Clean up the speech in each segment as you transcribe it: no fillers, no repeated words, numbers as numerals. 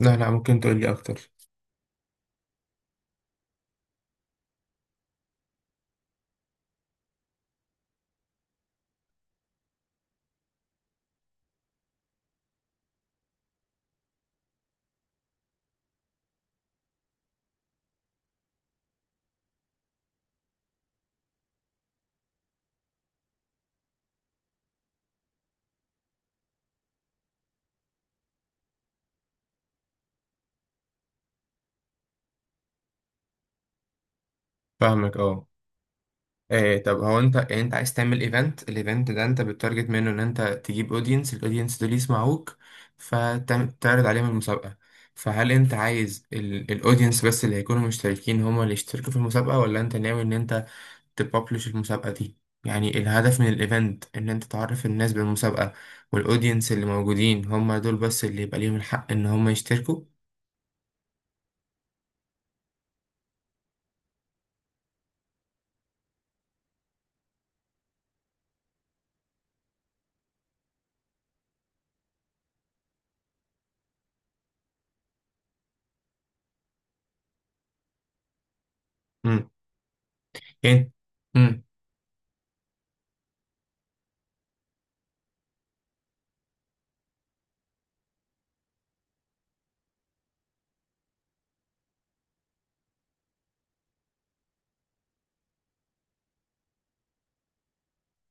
لا، لا، ممكن تقول لي اكتر؟ فاهمك، اه. إيه، طب هو انت عايز تعمل الايفنت ده. انت بتتارجت منه ان انت تجيب الاودينس دول يسمعوك فتعرض عليهم المسابقة. فهل انت عايز الاودينس بس اللي هيكونوا مشتركين هما اللي يشتركوا في المسابقة، ولا انت ناوي ان انت تبابلش المسابقة دي؟ يعني الهدف من الايفنت ان انت تعرف الناس بالمسابقة، والاودينس اللي موجودين هما دول بس اللي يبقى ليهم الحق ان هما يشتركوا. امم. ايه. امم.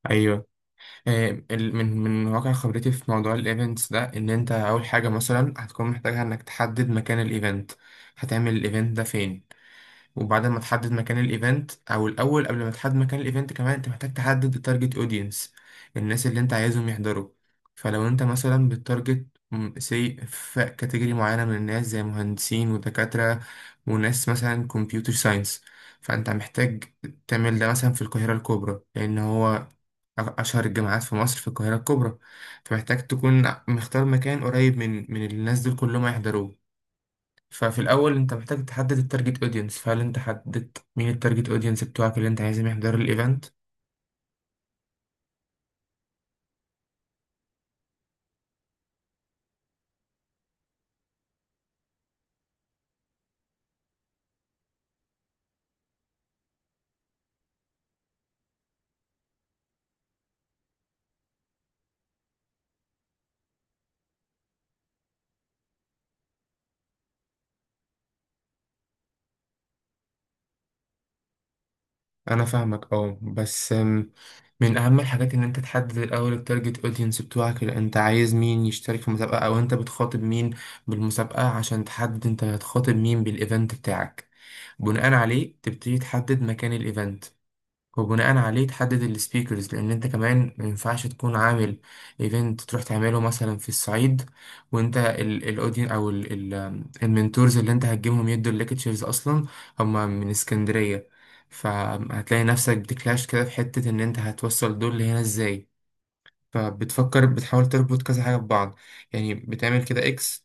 ايوه. من واقع خبرتي في موضوع الايفنتس ده، ان انت اول حاجه مثلا هتكون محتاج انك تحدد مكان الايفنت. هتعمل الايفنت ده فين؟ وبعد ما تحدد مكان الايفنت، او الاول قبل ما تحدد مكان الايفنت، كمان انت محتاج تحدد التارجت اودينس، الناس اللي انت عايزهم يحضروا. فلو انت مثلا بالتارجت سي في كاتيجوري معينه من الناس زي مهندسين ودكاتره، وناس مثلا كمبيوتر ساينس، فانت محتاج تعمل ده مثلا في القاهره الكبرى، لان هو أشهر الجامعات في مصر في القاهرة الكبرى. فمحتاج تكون مختار مكان قريب من الناس دول كلهم هيحضروه. ففي الأول أنت محتاج تحدد التارجت أودينس، فهل أنت حددت مين التارجت أودينس بتوعك اللي أنت عايزهم يحضروا الإيفنت؟ أنا فاهمك، أه. بس من أهم الحاجات إن أنت تحدد الأول التارجت أودينس بتوعك، اللي أنت عايز مين يشترك في المسابقة، أو أنت بتخاطب مين بالمسابقة، عشان تحدد أنت هتخاطب مين بالإيفنت بتاعك. بناء عليه تبتدي تحدد مكان الإيفنت، وبناء عليه تحدد السبيكرز، لان انت كمان ما ينفعش تكون عامل ايفنت تروح تعمله مثلا في الصعيد، وانت الاودين او المنتورز اللي انت هتجيبهم يدوا الليكتشرز اصلا هم من اسكندرية. فهتلاقي نفسك بتكلاش كده في حتة ان انت هتوصل دول لهنا ازاي، فبتفكر بتحاول تربط كذا حاجة ببعض. يعني بتعمل كده X،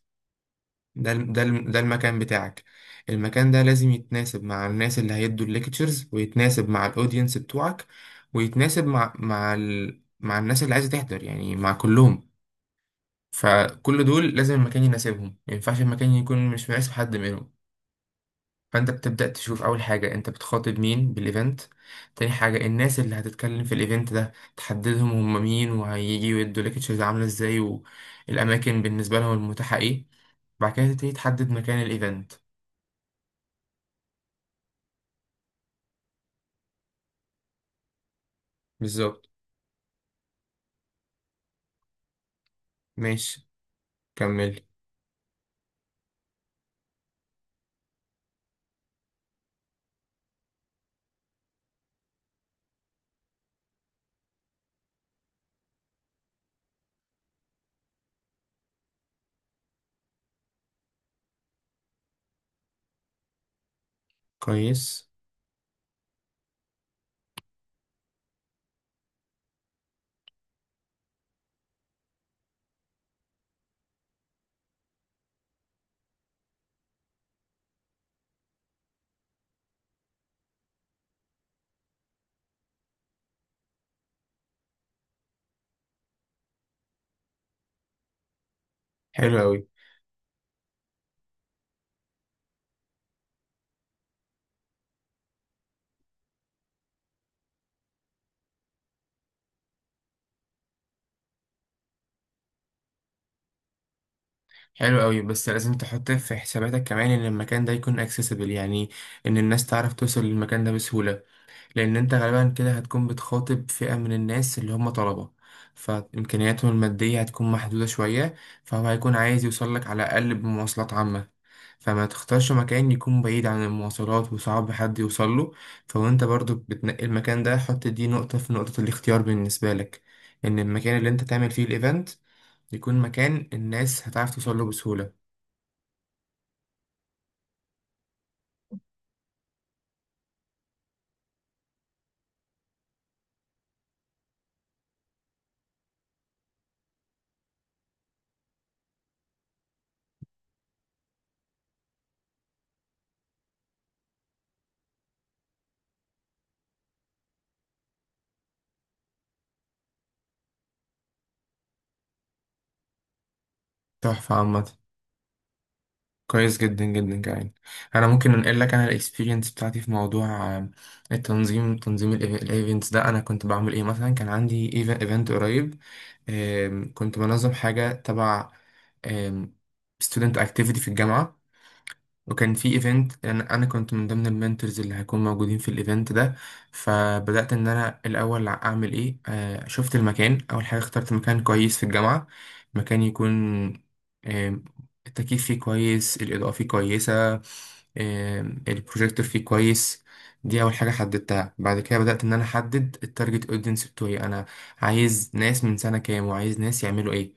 ده المكان بتاعك. المكان ده لازم يتناسب مع الناس اللي هيدوا الليكتشرز، ويتناسب مع الاودينس بتوعك، ويتناسب مع الناس اللي عايزة تحضر، يعني مع كلهم. فكل دول لازم المكان يناسبهم، ما ينفعش المكان يكون مش مناسب حد منهم. فانت بتبدأ تشوف اول حاجة انت بتخاطب مين بالايفنت، تاني حاجة الناس اللي هتتكلم في الايفنت ده تحددهم هم مين وهيجي ويدوا ليكتشرز عاملة ازاي، والاماكن بالنسبة لهم المتاحة ايه. بعد كده تبتدي تحدد مكان الايفنت. بالظبط. ماشي. كمل. كويس. حلو أوي. حلو أوي. بس لازم تحط في حساباتك كمان إن المكان ده يكون accessible، يعني إن الناس تعرف توصل للمكان ده بسهولة. لأن أنت غالبا كده هتكون بتخاطب فئة من الناس اللي هم طلبة، فإمكانياتهم المادية هتكون محدودة شوية، فهو هيكون عايز يوصلك على الأقل بمواصلات عامة. فما تختارش مكان يكون بعيد عن المواصلات وصعب حد يوصله. فوانت برضو بتنقي المكان ده، حط دي نقطة في نقطة الاختيار بالنسبة لك، إن المكان اللي أنت تعمل فيه الإيفنت يكون مكان الناس هتعرف توصله بسهولة. تحفة. عامة، كويس جدا جدا. كمان انا ممكن انقل لك انا الاكسبيرينس بتاعتي في موضوع آه، تنظيم الايفنتس ده انا كنت بعمل ايه، مثلا كان عندي ايفنت قريب، كنت بنظم حاجه تبع ستودنت اكتيفيتي في الجامعه، وكان في ايفنت انا كنت من ضمن المنتورز اللي هيكون موجودين في الايفنت ده. فبدات ان انا الاول اعمل ايه. شفت المكان اول حاجه، اخترت مكان كويس في الجامعه، مكان يكون آه التكييف فيه كويس، الاضاءه فيه كويسه، آه البروجيكتور فيه كويس. دي اول حاجه حددتها. بعد كده بدات ان انا احدد التارجت اودينس بتوعي، انا عايز ناس من سنه كام وعايز ناس يعملوا ايه.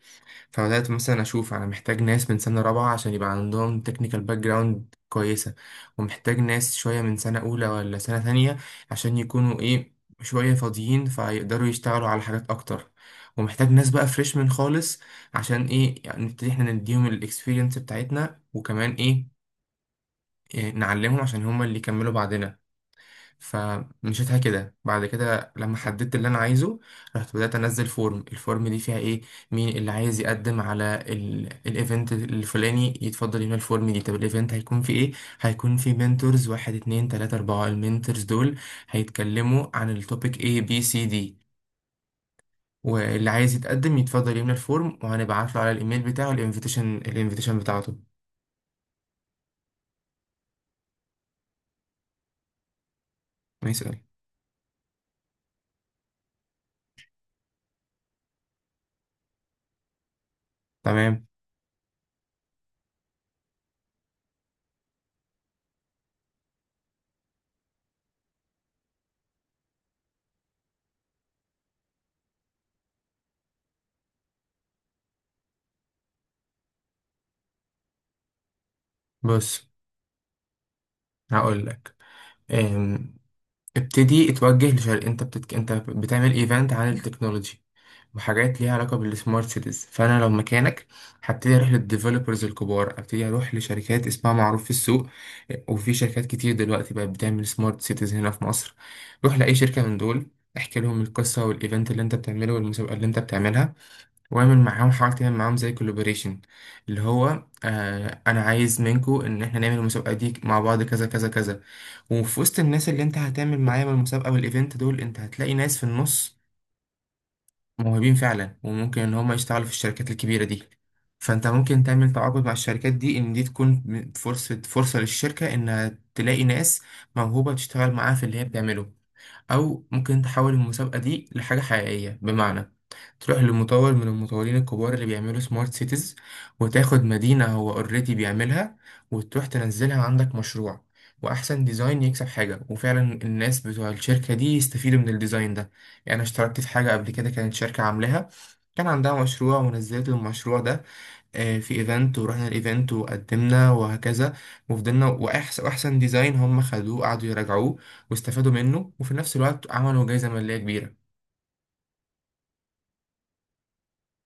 فبدأت مثلا أشوف أنا محتاج ناس من سنة رابعة عشان يبقى عندهم تكنيكال باك جراوند كويسة، ومحتاج ناس شوية من سنة أولى ولا سنة تانية عشان يكونوا إيه، شوية فاضيين فيقدروا يشتغلوا على حاجات أكتر. ومحتاج ناس بقى فريشمان خالص، عشان إيه، يعني نبتدي إحنا نديهم الإكسبيرينس بتاعتنا، وكمان إيه، إيه، نعلمهم عشان هما اللي يكملوا بعدنا. فمشيتها كده. بعد كده لما حددت اللي انا عايزه، رحت بدأت انزل الفورم دي فيها ايه؟ مين اللي عايز يقدم على الايفنت الفلاني يتفضل يملى الفورم دي. طب الايفنت هيكون في ايه؟ هيكون في منتورز واحد، اتنين، تلاتة، اربعة. المنتورز دول هيتكلموا عن التوبيك ايه بي سي دي، واللي عايز يتقدم يتفضل يملى الفورم وهنبعت له على الايميل بتاعه الانفيتيشن بتاعته. ما يسأل. تمام. بص، هقول لك. ابتدي اتوجه لشرق. انت بتعمل ايفنت عن التكنولوجي وحاجات ليها علاقه بالسمارت سيتيز، فانا لو مكانك هبتدي اروح للديفلوبرز الكبار، ابتدي اروح لشركات اسمها معروف في السوق. وفي شركات كتير دلوقتي بقت بتعمل سمارت سيتيز هنا في مصر. روح لاي شركه من دول، احكي لهم القصه والايفنت اللي انت بتعمله والمسابقه اللي انت بتعملها، واعمل معاهم حاول تعمل معاهم زي كولابوريشن. اللي هو انا عايز منكو ان احنا نعمل المسابقه دي مع بعض، كذا كذا كذا. وفي وسط الناس اللي انت هتعمل معاهم المسابقة والايفنت دول، انت هتلاقي ناس في النص موهوبين فعلا، وممكن ان هم يشتغلوا في الشركات الكبيرة دي. فانت ممكن تعمل تعاقد مع الشركات دي ان دي تكون فرصة، فرصة للشركة انها تلاقي ناس موهوبة تشتغل معاها في اللي هي بتعمله. او ممكن تحول المسابقة دي لحاجة حقيقية، بمعنى تروح لمطور من المطورين الكبار اللي بيعملوا سمارت سيتيز، وتاخد مدينة هو اوريدي بيعملها وتروح تنزلها عندك مشروع، وأحسن ديزاين يكسب حاجة، وفعلا الناس بتوع الشركة دي يستفيدوا من الديزاين ده. يعني أنا اشتركت في حاجة قبل كده كانت شركة عاملاها، كان عندها مشروع ونزلت المشروع ده في ايفنت، ورحنا الايفنت وقدمنا وهكذا، وفضلنا، واحسن ديزاين هم خدوه قعدوا يراجعوه واستفادوا منه، وفي نفس الوقت عملوا جايزة مالية كبيرة.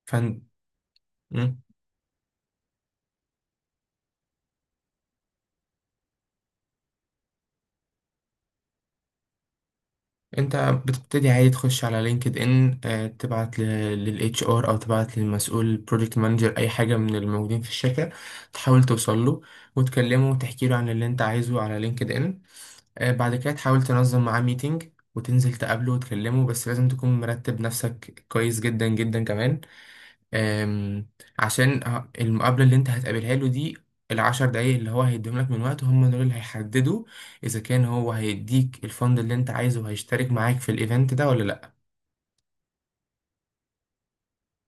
فن. انت بتبتدي عادي تخش على لينكد ان، تبعت للاتش ار او تبعت للمسؤول بروجكت مانجر اي حاجه من الموجودين في الشركه، تحاول توصل له وتكلمه وتحكي له عن اللي انت عايزه على لينكد ان. بعد كده تحاول تنظم معاه ميتنج وتنزل تقابله وتكلمه، بس لازم تكون مرتب نفسك كويس جدا جدا كمان. أم، عشان المقابلة اللي انت هتقابلها له دي، ال10 دقايق اللي هو هيديهم لك من وقته هم دول اللي هيحددوا إذا كان هو هيديك الفند اللي انت عايزه وهيشترك معاك في الإيفنت ده ولا لأ.